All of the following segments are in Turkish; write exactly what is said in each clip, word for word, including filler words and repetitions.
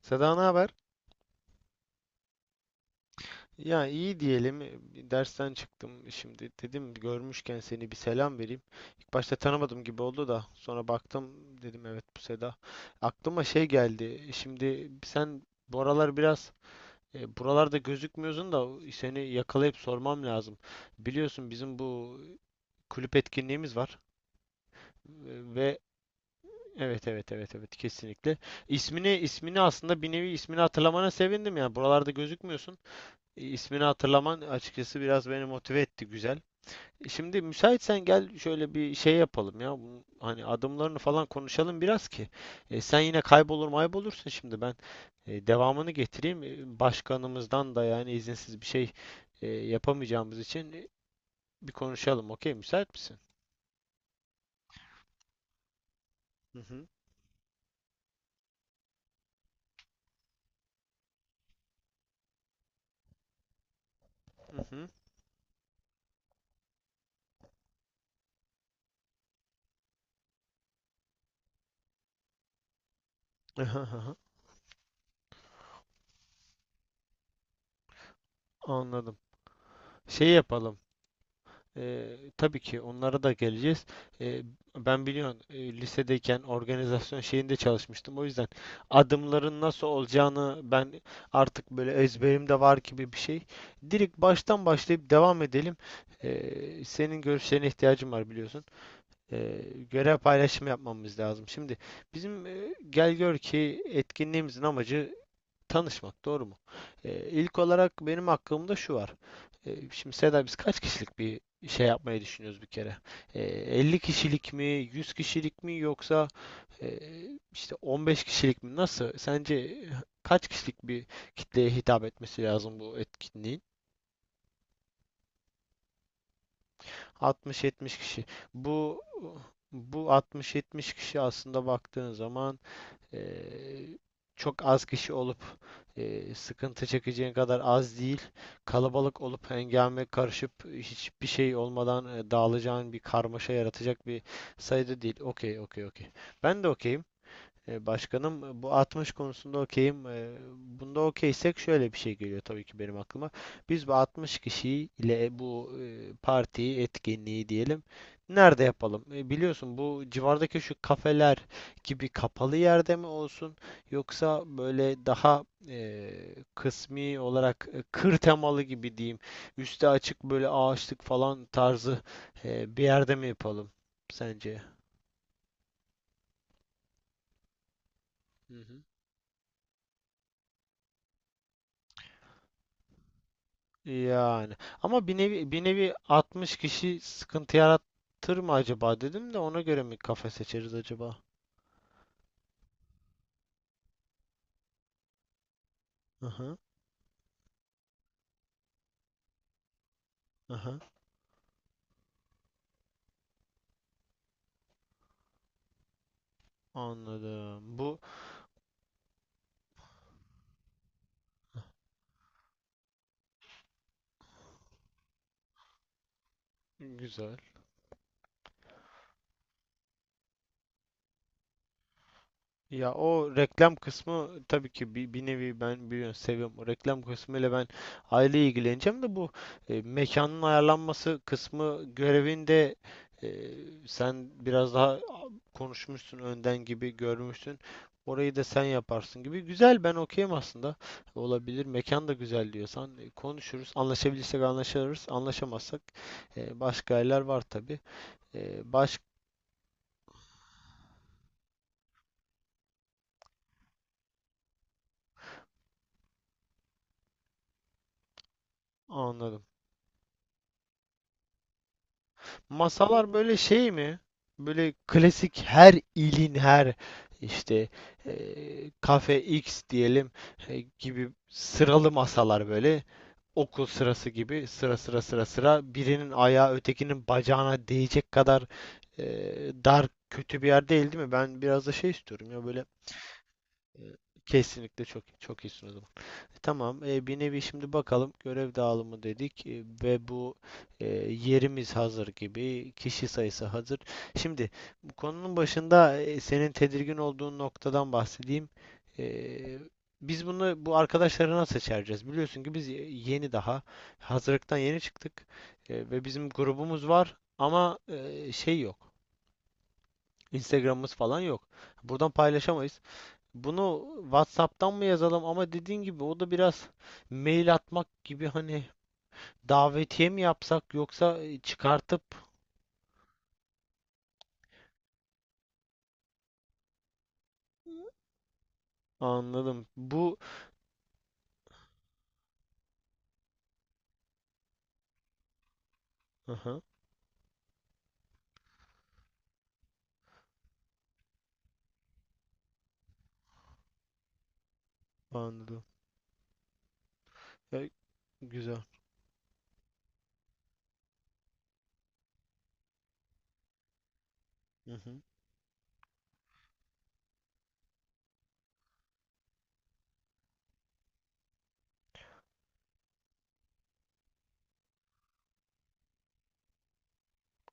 Seda, ne haber? Ya, iyi diyelim. Bir dersten çıktım şimdi. Dedim görmüşken seni bir selam vereyim. İlk başta tanımadım gibi oldu da sonra baktım, dedim evet, bu Seda. Aklıma şey geldi. Şimdi sen bu aralar biraz e, buralarda gözükmüyorsun da seni yakalayıp sormam lazım. Biliyorsun bizim bu kulüp etkinliğimiz var. E, ve Evet evet evet evet kesinlikle. İsmini ismini aslında bir nevi ismini hatırlamana sevindim ya. Buralarda gözükmüyorsun. E, ismini hatırlaman açıkçası biraz beni motive etti, güzel. E, Şimdi müsaitsen gel şöyle bir şey yapalım ya. Bunun hani adımlarını falan konuşalım biraz ki. E, sen yine kaybolur maybolursun şimdi, ben e, devamını getireyim. E, Başkanımızdan da yani izinsiz bir şey e, yapamayacağımız için e, bir konuşalım. Okey, müsait misin? Hı hı. Hı hı. Anladım. Şey yapalım. Ee, tabii ki onlara da geleceğiz. Ee, Ben biliyorsun e, lisedeyken organizasyon şeyinde çalışmıştım. O yüzden adımların nasıl olacağını ben artık böyle ezberimde var gibi bir şey. Direkt baştan başlayıp devam edelim. Ee, senin görüşlerine ihtiyacım var biliyorsun. Ee, Görev paylaşımı yapmamız lazım. Şimdi bizim, e, gel gör ki, etkinliğimizin amacı tanışmak, doğru mu? Ee, ilk olarak benim aklımda şu var. Ee, şimdi Seda, biz kaç kişilik bir şey yapmayı düşünüyoruz bir kere? Ee, elli kişilik mi, yüz kişilik mi, yoksa e, işte on beş kişilik mi? Nasıl? Sence kaç kişilik bir kitleye hitap etmesi lazım bu etkinliğin? altmış yetmiş kişi. Bu bu altmış yetmiş kişi aslında baktığın zaman Eee, çok az kişi olup eee, sıkıntı çekeceğin kadar az değil. Kalabalık olup hengame karışıp hiçbir şey olmadan e, dağılacağın bir karmaşa yaratacak bir sayıda değil. Okey, okey, okey. Ben de okeyim. E, Başkanım, bu altmış konusunda okeyim. E, Bunda okeysek şöyle bir şey geliyor tabii ki benim aklıma. Biz bu altmış kişiyi ile bu e, partiyi, etkinliği diyelim, nerede yapalım? E, Biliyorsun bu civardaki şu kafeler gibi kapalı yerde mi olsun, yoksa böyle daha e, kısmi olarak e, kır temalı gibi diyeyim, üstü açık böyle ağaçlık falan tarzı e, bir yerde mi yapalım sence? Hı hı. Yani ama bir nevi bir nevi altmış kişi sıkıntı yaratır mı acaba dedim de, ona göre mi kafe seçeriz acaba? Aha, aha, anladım. Bu güzel. Ya o reklam kısmı tabii ki, bir, bir nevi, ben biliyorsun seviyorum. O reklam kısmıyla ben aile ilgileneceğim de bu e, mekanın ayarlanması kısmı görevinde e, sen biraz daha konuşmuşsun önden gibi, görmüşsün. Orayı da sen yaparsın gibi. Güzel, ben okeyim aslında. Olabilir. Mekan da güzel diyorsan e, konuşuruz. Anlaşabilirsek anlaşırız. Anlaşamazsak e, başka yerler var tabii. E, baş Anladım. Masalar böyle şey mi? Böyle klasik her ilin her işte, eee, kafe X diyelim, e, gibi sıralı masalar, böyle okul sırası gibi sıra sıra sıra sıra birinin ayağı ötekinin bacağına değecek kadar eee, dar, kötü bir yer değil değil mi? Ben biraz da şey istiyorum ya, böyle. e, Kesinlikle, çok çok iyisin o zaman. E, Tamam. E, bir nevi şimdi bakalım, görev dağılımı dedik e, ve bu e, yerimiz hazır gibi, kişi sayısı hazır. Şimdi bu konunun başında e, senin tedirgin olduğun noktadan bahsedeyim. E, biz bunu, bu arkadaşları nasıl seçeceğiz? Biliyorsun ki biz e, yeni daha hazırlıktan yeni çıktık. E, ve bizim grubumuz var ama e, şey yok. Instagram'ımız falan yok. Buradan paylaşamayız. Bunu WhatsApp'tan mı yazalım, ama dediğin gibi o da biraz mail atmak gibi, hani davetiye mi yapsak, yoksa e, çıkartıp anladım. Bu aha, anladım. Ya, güzel. Hı hı,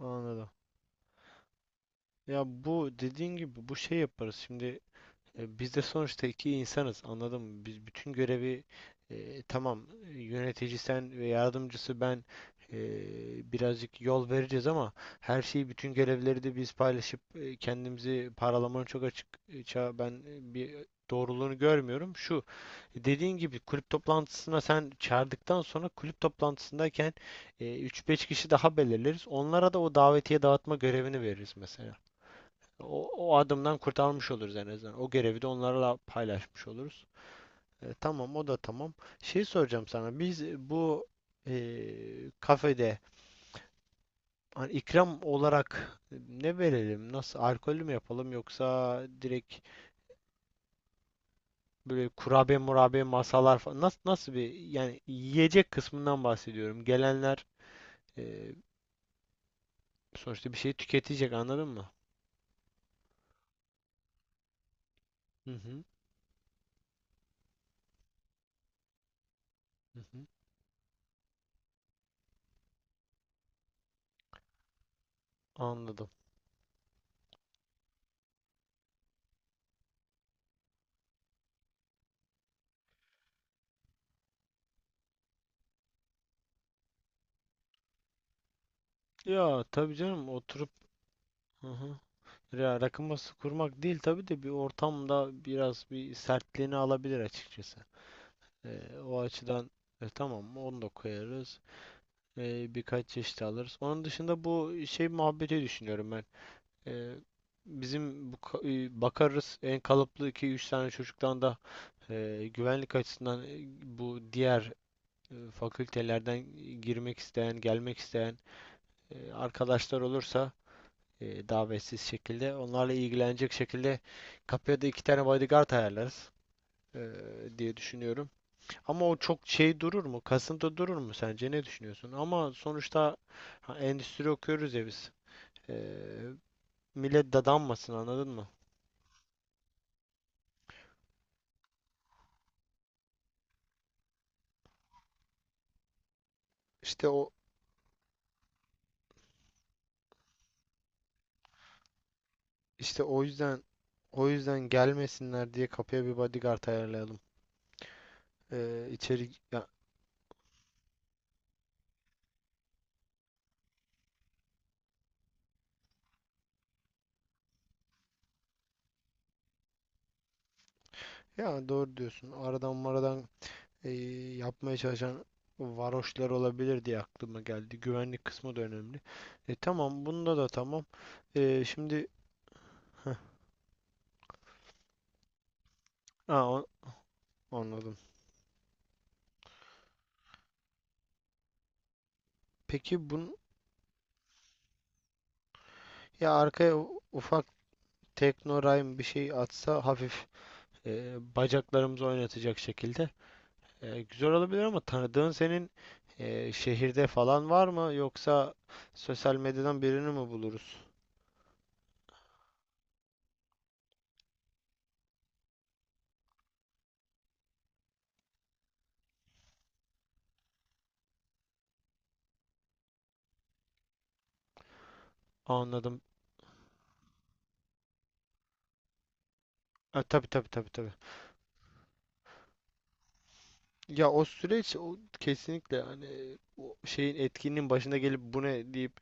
anladım. Ya, bu dediğin gibi, bu şey yaparız. Şimdi E, biz de sonuçta iki insanız, anladın mı? Biz bütün görevi, e, tamam, e, yönetici sen ve yardımcısı ben, e, birazcık yol vereceğiz, ama her şeyi, bütün görevleri de biz paylaşıp e, kendimizi paralamanın çok açık, e, ben e, bir doğruluğunu görmüyorum. Şu dediğin gibi kulüp toplantısına sen çağırdıktan sonra, kulüp toplantısındayken e, üç beş kişi daha belirleriz. Onlara da o davetiye dağıtma görevini veririz mesela. O, o adımdan kurtarmış oluruz en azından. O görevi de onlarla paylaşmış oluruz. E, tamam, o da tamam. Şey soracağım sana. Biz e, bu e, kafede hani ikram olarak e, ne verelim? Nasıl, alkollü mü yapalım, yoksa direkt böyle kurabiye murabiye masalar falan? Nasıl, nasıl bir, yani yiyecek kısmından bahsediyorum. Gelenler e, sonuçta bir şey tüketecek, anladın mı? Hı hı. Hı hı. Anladım. Ya tabii canım, oturup, hı hı. Ya rakı masası kurmak değil tabii de, bir ortamda biraz bir sertliğini alabilir açıkçası. Ee, o açıdan e, tamam, onu da koyarız. Ee, birkaç çeşit alırız. Onun dışında bu şey muhabbeti düşünüyorum ben. Ee, Bizim bu ka- e, bakarız, en kalıplı iki üç tane çocuktan da e, güvenlik açısından, e, bu diğer e, fakültelerden girmek isteyen, gelmek isteyen e, arkadaşlar olursa, e, davetsiz şekilde onlarla ilgilenecek şekilde, kapıya da iki tane bodyguard ayarlarız e, diye düşünüyorum. Ama o çok şey durur mu? Kasıntı durur mu sence? Ne düşünüyorsun? Ama sonuçta, ha, endüstri okuyoruz ya biz. E, Millet dadanmasın, anladın mı? İşte o, işte o yüzden o yüzden gelmesinler diye kapıya bir bodyguard ayarlayalım. E, içeri ya, ya doğru diyorsun. Aradan maradan e, yapmaya çalışan varoşlar olabilir diye aklıma geldi. Güvenlik kısmı da önemli. E, tamam, bunda da tamam. E, şimdi Ha, o- anladım. Peki bun Ya arkaya u- ufak teknorime bir şey atsa, hafif e, bacaklarımızı oynatacak şekilde e, güzel olabilir, ama tanıdığın, senin e, şehirde falan var mı, yoksa sosyal medyadan birini mi buluruz? Anladım. E, tabii, tabii, tabii, tabii. Ya o süreç, o kesinlikle, hani o şeyin, etkinliğin başında gelip bu ne deyip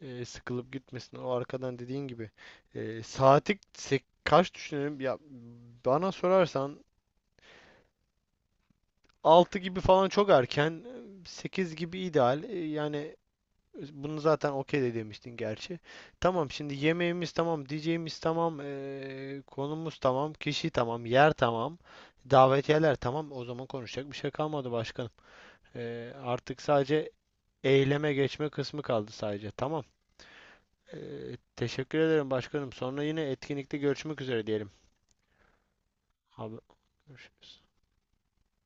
e, sıkılıp gitmesin. O arkadan dediğin gibi e, saati sek- kaç düşünelim? Ya bana sorarsan altı gibi falan çok erken, sekiz gibi ideal. E, yani bunu zaten okey de demiştin gerçi. Tamam, şimdi yemeğimiz tamam, diyeceğimiz tamam, e, konumuz tamam, kişi tamam, yer tamam, davetiyeler tamam. O zaman konuşacak bir şey kalmadı başkanım. Eee, artık sadece eyleme geçme kısmı kaldı sadece. Tamam. Ee, teşekkür ederim başkanım. Sonra yine etkinlikte görüşmek üzere diyelim. Abi, görüşürüz.